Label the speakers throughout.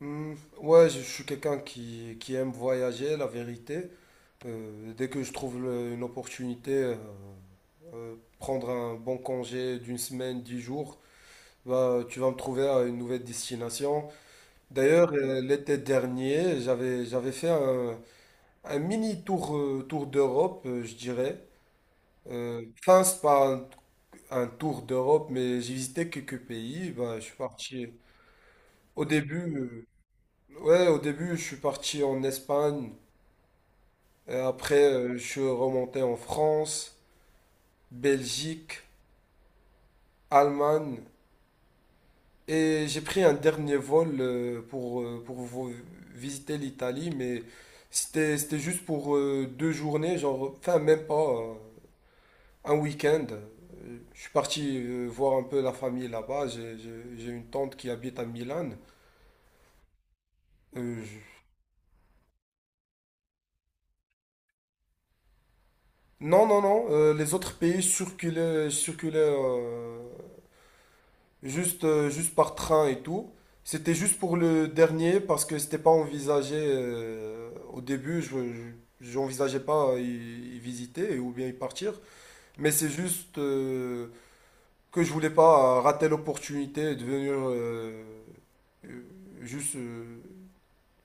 Speaker 1: Hmm, ouais, je suis quelqu'un qui aime voyager, la vérité. Dès que je trouve une opportunité, prendre un bon congé d'une semaine, 10 jours, bah, tu vas me trouver à une nouvelle destination. D'ailleurs, l'été dernier, j'avais fait un mini tour, tour d'Europe, je dirais. Enfin, c'est pas un tour d'Europe, mais j'ai visité quelques pays. Bah, je suis parti au début, ouais, au début, je suis parti en Espagne. Et après, je suis remonté en France, Belgique, Allemagne. Et j'ai pris un dernier vol pour visiter l'Italie, mais c'était juste pour 2 journées, genre, enfin même pas, un week-end. Je suis parti voir un peu la famille là-bas. J'ai une tante qui habite à Milan. Euh, je- Non, non, non. Les autres pays circulaient juste, juste par train et tout. C'était juste pour le dernier parce que c'était pas envisagé au début. J'envisageais pas y visiter ou bien y partir. Mais c'est juste que je voulais pas rater l'opportunité de venir euh, juste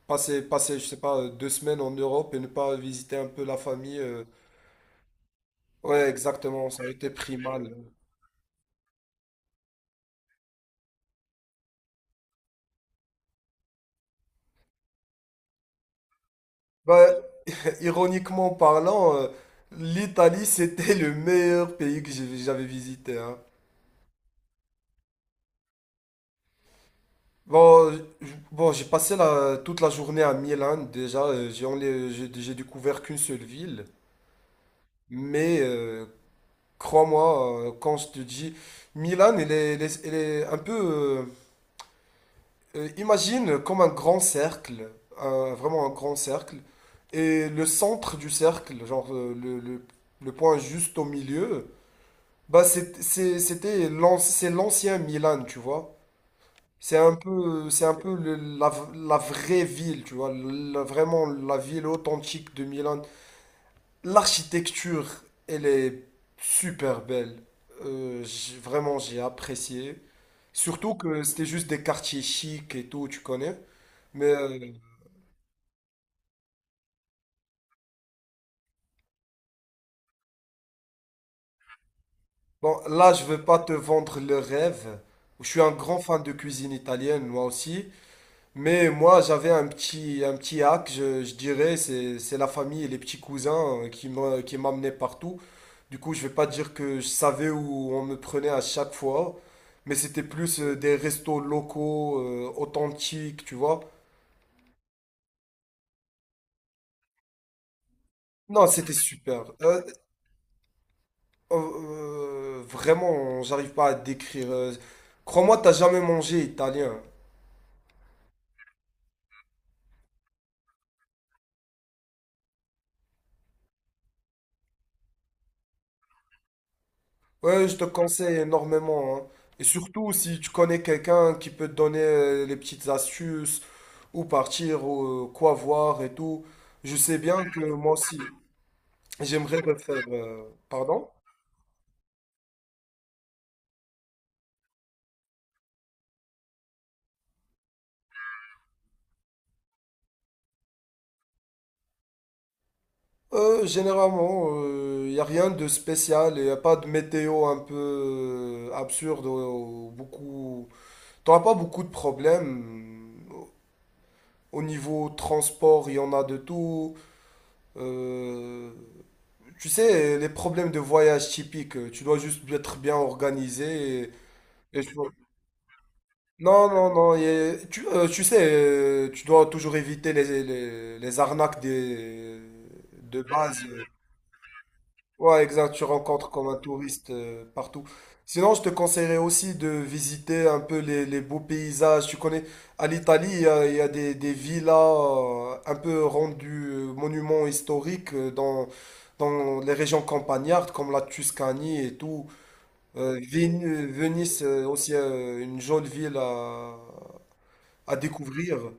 Speaker 1: passer, je sais pas, 2 semaines en Europe et ne pas visiter un peu la famille. Ouais, exactement, ça a été pris mal. Bah, ironiquement parlant, l'Italie, c'était le meilleur pays que j'avais visité, hein. Bon, je- j'ai passé toute la journée à Milan. Déjà, j'ai enlé- j'ai découvert qu'une seule ville. Mais crois-moi, quand je te dis, Milan, elle est un peu. Imagine comme un grand cercle, vraiment un grand cercle. Et le centre du cercle, genre le point juste au milieu. Bah c'est l'ancien Milan, tu vois. C'est un peu la vraie ville, tu vois. Vraiment la ville authentique de Milan. L'architecture, elle est super belle. Vraiment, j'ai apprécié. Surtout que c'était juste des quartiers chics et tout, tu connais. Mais euh, bon, là, je veux pas te vendre le rêve. Je suis un grand fan de cuisine italienne, moi aussi. Mais moi, j'avais un petit hack, je dirais, c'est la famille et les petits cousins qui m'amenaient partout. Du coup, je vais pas dire que je savais où on me prenait à chaque fois, mais c'était plus des restos locaux, authentiques, tu vois. Non, c'était super. Euh, vraiment, j'arrive pas à décrire. Crois-moi, t'as jamais mangé italien. Ouais, je te conseille énormément, hein. Et surtout si tu connais quelqu'un qui peut te donner les petites astuces, où partir, ou quoi voir et tout. Je sais bien que moi aussi, j'aimerais refaire. Pardon? Généralement, il n'y a rien de spécial, il n'y a pas de météo un peu absurde, beaucoup. T'auras pas beaucoup de problèmes. Au niveau transport, il y en a de tout. Euh, Tu sais, les problèmes de voyage typiques, tu dois juste être bien organisé. et- et tu dois- Non, non, non. Tu sais, tu dois toujours éviter les, les arnaques de base. Ouais, exact, tu rencontres comme un touriste partout. Sinon, je te conseillerais aussi de visiter un peu les beaux paysages. Tu connais, à l'Italie, il y a des villas un peu rendues monuments historiques dans les régions campagnardes comme la Tuscanie et tout. Venise, aussi une jolie ville à découvrir.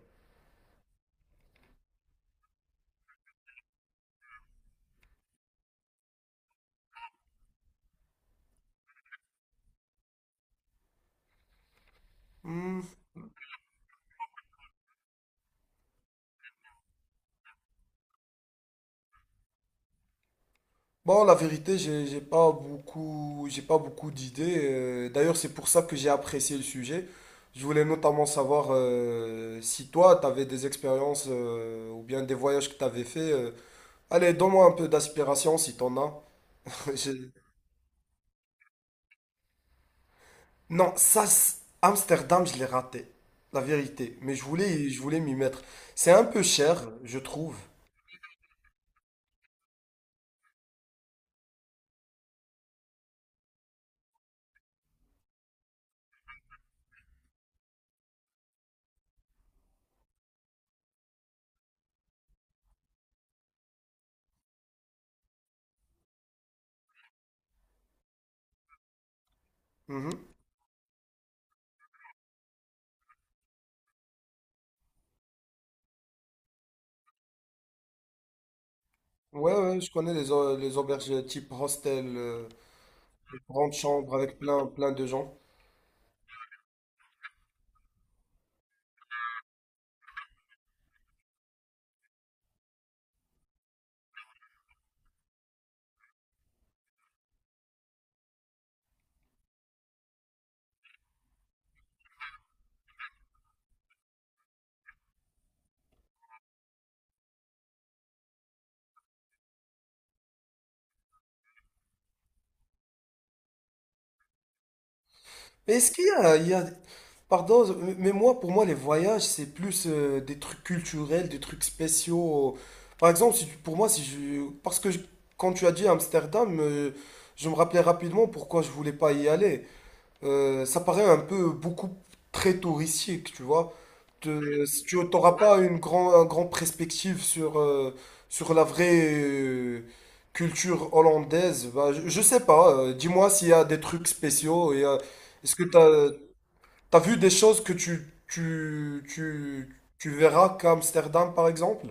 Speaker 1: Hmm, bon, la vérité, j'ai pas beaucoup d'idées. D'ailleurs, c'est pour ça que j'ai apprécié le sujet. Je voulais notamment savoir si toi, tu avais des expériences ou bien des voyages que tu avais fait. Allez, donne-moi un peu d'aspiration si t'en as. J'ai- Non, Amsterdam, je l'ai raté. La vérité. Mais je voulais m'y mettre. C'est un peu cher, je trouve. Mhm. Ouais, ouais, je connais les auberges type hostel, les grandes avec plein, plein de gens. Mais est-ce qu'il y a, il y a- Pardon, mais moi, pour moi, les voyages, c'est plus des trucs culturels, des trucs spéciaux. Par exemple, si tu- pour moi, si je. Quand tu as dit Amsterdam, je me rappelais rapidement pourquoi je voulais pas y aller. Ça paraît un peu beaucoup très touristique, tu vois. Si tu n'auras pas un grand perspective sur la vraie culture hollandaise, bah, je sais pas. Dis-moi s'il y a des trucs spéciaux. Est-ce que t'as, T'as vu des choses que tu verras qu'à Amsterdam, par exemple?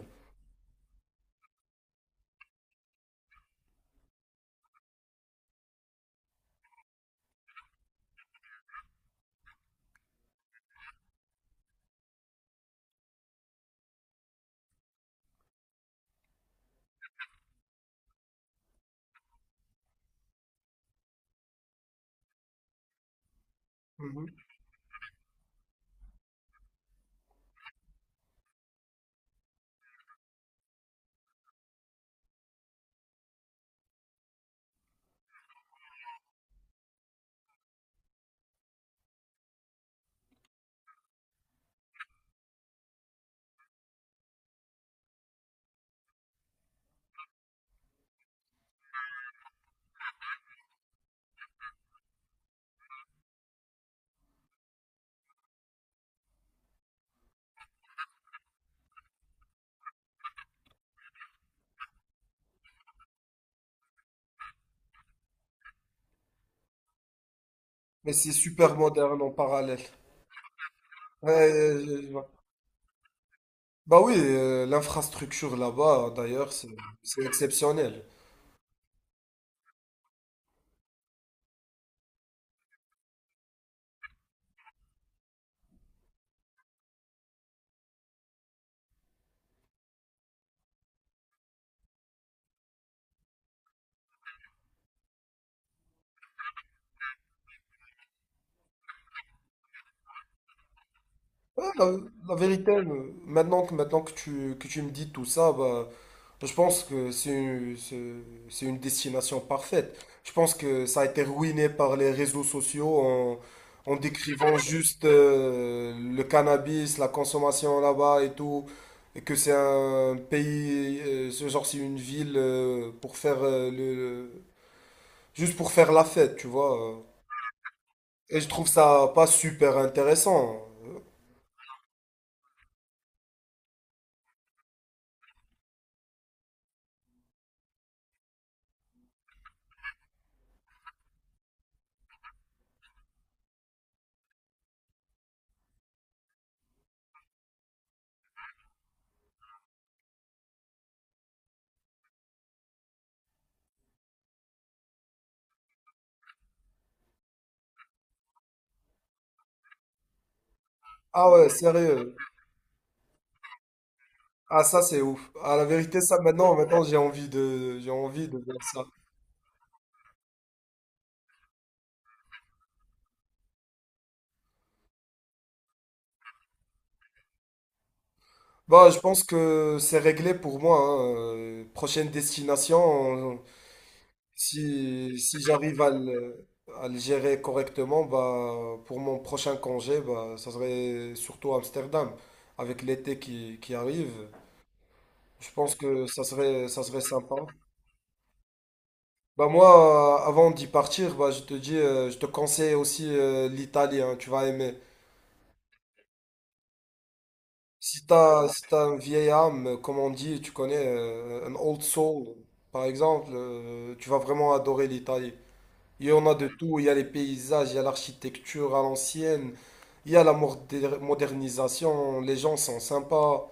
Speaker 1: Mhm. Mais c'est super moderne en parallèle. Ouais, je vois. Bah oui, l'infrastructure là-bas, d'ailleurs, c'est exceptionnel. Ouais, la vérité, maintenant que que tu me dis tout ça, bah, je pense que c'est une destination parfaite. Je pense que ça a été ruiné par les réseaux sociaux en décrivant juste le cannabis, la consommation là-bas et tout, et que c'est un pays, ce genre c'est une ville pour faire juste pour faire la fête, tu vois. Et je trouve ça pas super intéressant. Ah ouais, sérieux. Ah ça c'est ouf. À la vérité, ça, maintenant, j'ai envie de faire ça. Bah je pense que c'est réglé pour moi, hein. Prochaine destination si j'arrive à le gérer correctement bah pour mon prochain congé bah ça serait surtout Amsterdam avec l'été qui arrive. Je pense que ça serait sympa. Bah moi avant d'y partir bah je te conseille aussi l'Italie hein, tu vas aimer. Si t'as une vieille âme, comme on dit, tu connais, un old soul, par exemple, tu vas vraiment adorer l'Italie. Il y en a de tout, il y a les paysages, il y a l'architecture à l'ancienne, il y a la modernisation, les gens sont sympas,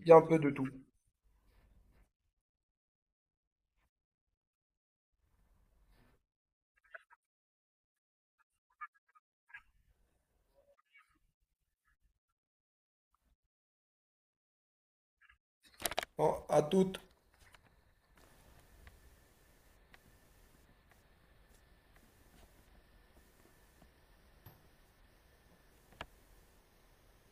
Speaker 1: il y a un peu de tout. Bon, à toutes.